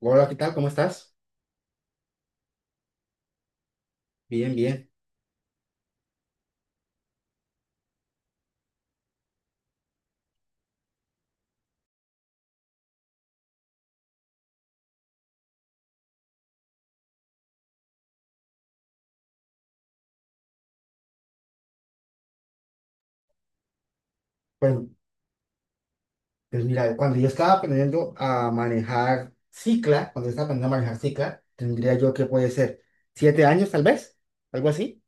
Hola, ¿qué tal? ¿Cómo estás? Bien, bien. Bueno, pues mira, cuando yo estaba aprendiendo a manejar cicla, cuando estaba aprendiendo a manejar cicla, tendría yo que puede ser 7 años tal vez, algo así.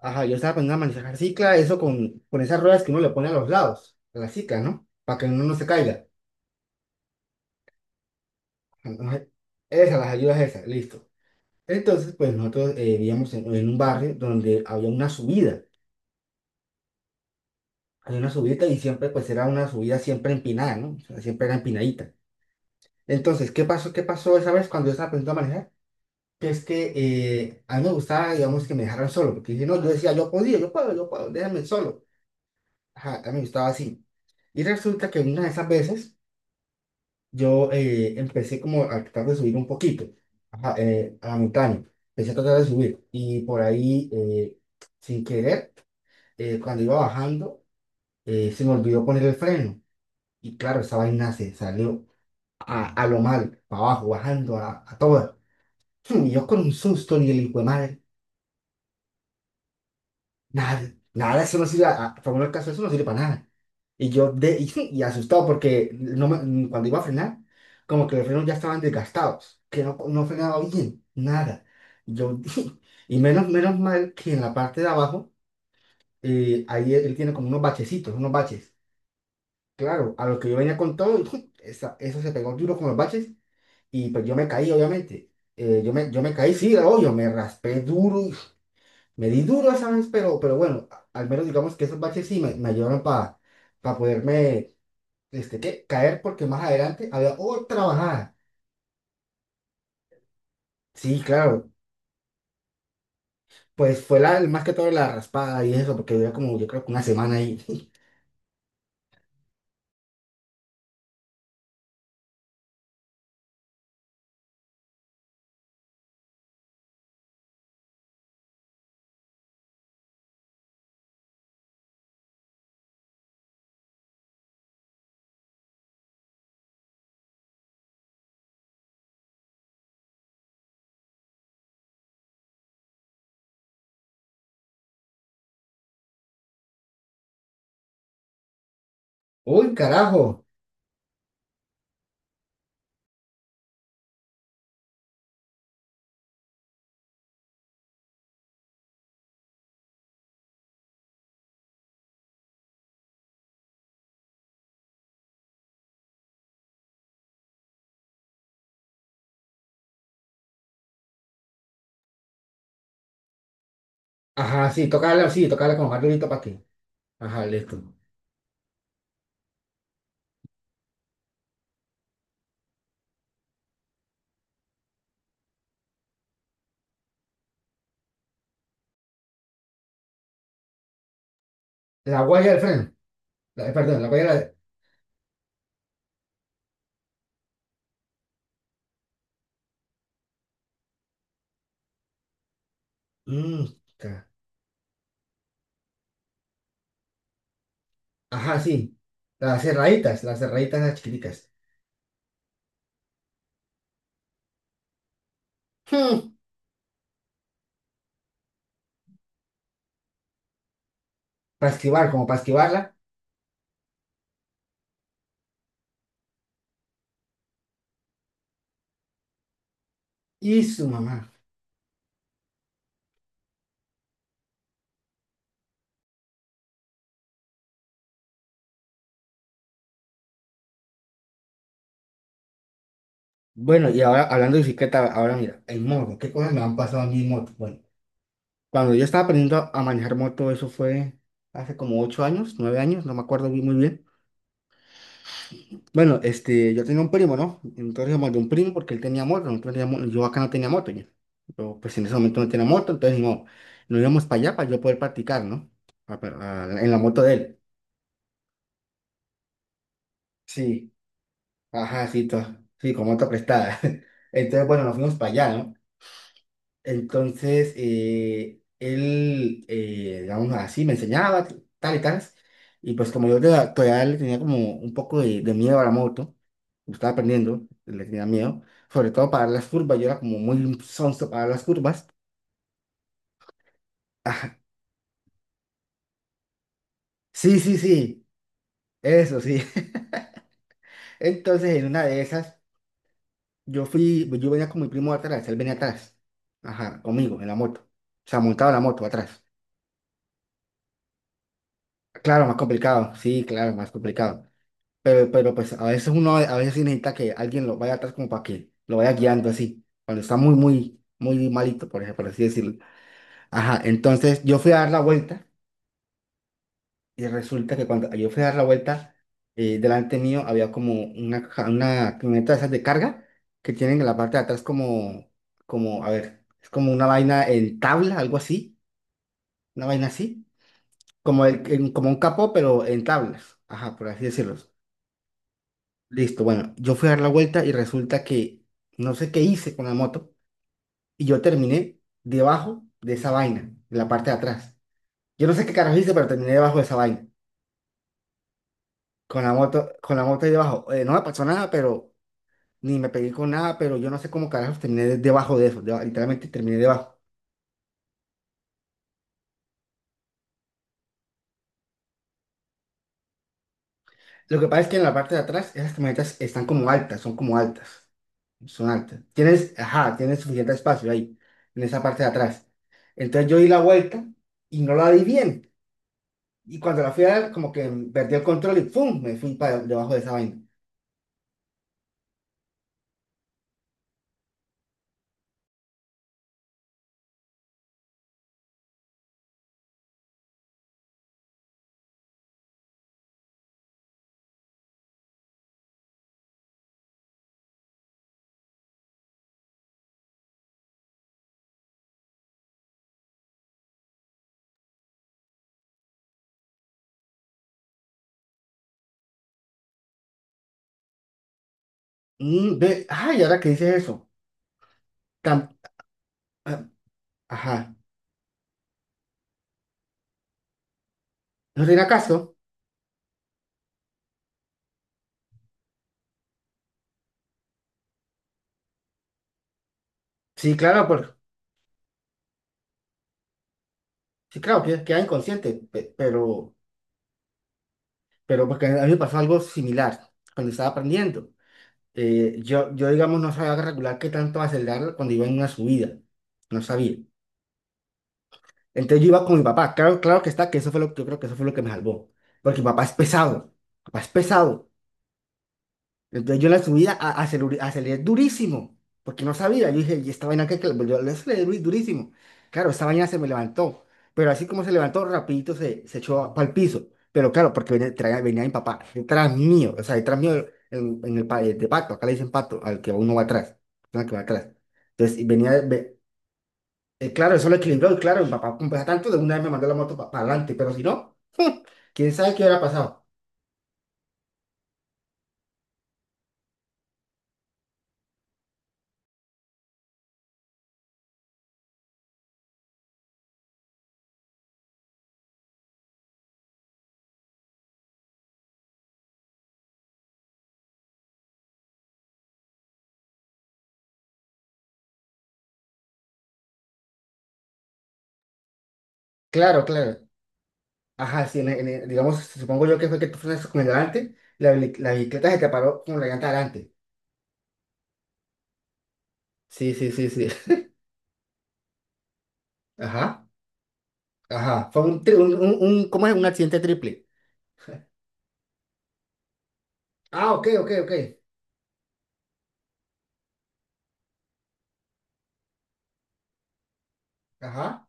Ajá, yo estaba aprendiendo a manejar cicla, eso con esas ruedas que uno le pone a los lados, a la cicla, ¿no? Para que uno no se caiga. Entonces. Esas, las ayudas esas, listo. Entonces, pues nosotros vivíamos en un barrio donde había una subida, y siempre, pues era una subida siempre empinada, ¿no? O sea, siempre era empinadita. Entonces, ¿qué pasó? ¿Qué pasó esa vez cuando yo estaba aprendiendo a manejar? Que es que a mí me gustaba, digamos, que me dejaran solo, porque si no, yo decía, yo podía, yo puedo, déjame solo. Ajá, a mí me gustaba así. Y resulta que una de esas veces yo empecé como a tratar de subir un poquito ajá, a la montaña. Empecé a tratar de subir. Y por ahí, sin querer, cuando iba bajando, se me olvidó poner el freno. Y claro, esa vaina se salió a lo mal, para abajo, bajando a todas. Y yo con un susto ni el hijo de madre, nada, nada, eso no sirve, a por favor del caso, eso no sirve para nada. Y yo de, y, y asustado porque no me- cuando iba a frenar, como que los frenos ya estaban desgastados, que no frenaba bien, nada. Y yo, y menos mal que en la parte de abajo, ahí él tiene como unos bachecitos, unos baches. Claro, a lo que yo venía con todo, eso se pegó duro con los baches y pues yo me caí, obviamente. Yo me caí, sí, obvio, me raspé duro. Me di duro esa vez, pero, pero bueno, al menos digamos que esos baches sí me ayudaron para poderme este, ¿qué? Caer porque más adelante había otra bajada. Sí, claro, pues fue la, más que todo la raspada y eso, porque duré como yo creo que una semana ahí. ¡Uy, carajo! Ajá, sí, tocarla como más durito para ti. Ajá, listo. La guaya del freno, perdón, la guaya de la. Ca- Ajá, sí, las cerraditas, las chiquiticas. Hmm, Para esquivar, como para esquivarla. Y su mamá. Bueno, y ahora hablando de bicicleta, ahora mira, en moto, ¿qué cosas me han pasado a mí en moto? Bueno, cuando yo estaba aprendiendo a manejar moto, eso fue hace como 8 años, 9 años, no me acuerdo muy bien. Bueno, yo tenía un primo, ¿no? Entonces yo mandé un primo porque él tenía moto, yo acá no tenía moto, pues en ese momento no tenía moto, entonces no, nos íbamos para allá para yo poder practicar, ¿no? A- en la moto de él. Sí, ajá, sí, sí, con moto prestada. Entonces, bueno, nos fuimos para allá, ¿no? Entonces, él, digamos así, me enseñaba tal y tal. Y pues como yo todavía le tenía como un poco de miedo a la moto, me estaba aprendiendo, le tenía miedo, sobre todo para las curvas, yo era como muy sonso para las curvas. Ajá. Sí, sí, sí, eso sí. Entonces, en una de esas, yo venía con mi primo atrás, él venía atrás, ajá, conmigo, en la moto. O sea, montado en la moto atrás. Claro, más complicado, sí, claro, más complicado. Pero pues a veces uno a veces sí necesita que alguien lo vaya atrás como para que lo vaya guiando así, cuando está muy, muy, muy malito, por ejemplo, por así decirlo. Ajá, entonces yo fui a dar la vuelta y resulta que cuando yo fui a dar la vuelta, delante mío había como una camioneta de esas de carga que tienen en la parte de atrás como, como, a ver, es como una vaina en tabla, algo así, una vaina así, como un capó, pero en tablas, ajá, por así decirlo. Listo, bueno, yo fui a dar la vuelta y resulta que no sé qué hice con la moto y yo terminé debajo de esa vaina, en la parte de atrás. Yo no sé qué carajo hice, pero terminé debajo de esa vaina, con la moto ahí debajo. No me pasó nada, pero ni me pegué con nada, pero yo no sé cómo carajos terminé debajo de eso, literalmente terminé debajo. Lo que pasa es que en la parte de atrás esas camionetas están como altas, son altas. Tienes, ajá, tienes suficiente espacio ahí, en esa parte de atrás. Entonces yo di la vuelta y no la di bien. Y cuando la fui a ver, como que perdí el control y ¡pum! Me fui para debajo de esa vaina. Mm, ve, ay, ¿y ahora que dices eso? Tam- ah, ajá. ¿No tiene acaso? Sí, claro, sí, claro, queda inconsciente, pero porque a mí me pasó algo similar cuando estaba aprendiendo. Digamos, no sabía regular qué tanto acelerar cuando iba en una subida. No sabía. Entonces yo iba con mi papá. Claro, claro que está, que yo creo que eso fue lo que me salvó. Porque mi papá es pesado. Mi papá es pesado. Entonces yo en la subida aceleré, aceleré durísimo, porque no sabía. Yo dije, ¿y esta vaina Yo le aceleré durísimo. Claro, esta vaina se me levantó, pero así como se levantó, rapidito se, se echó para el piso. Pero claro, porque venía mi papá detrás mío, o sea, detrás mío en, de pato, acá le dicen pato, al que uno va atrás, al que va atrás. Entonces y venía, ve- claro, eso lo equilibró, y claro, mi papá, como pesa tanto, de una vez me mandó la moto para adelante, pero si no, quién sabe qué hubiera pasado. Claro, claro. Ajá, sí, digamos, supongo yo que fue que tú frenaste con el delante, la bicicleta se te paró con la llanta delante. Sí, sí, sí, sí. Ajá, ajá. Fue un, tri- un- ¿cómo es? Un accidente triple. Ah, ok, ok, ok. Ajá.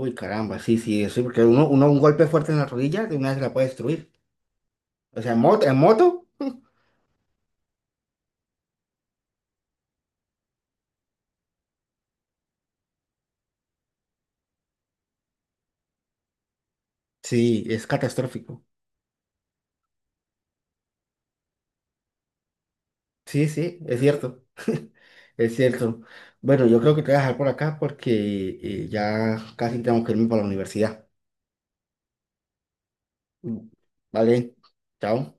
Uy, caramba, sí, sí, sí, porque uno, un golpe fuerte en la rodilla de una vez la puede destruir. O sea, en moto, sí, es catastrófico. Sí, sí, es cierto. Es cierto. Bueno, yo creo que te voy a dejar por acá porque ya casi tengo que irme para la universidad. Vale, chao.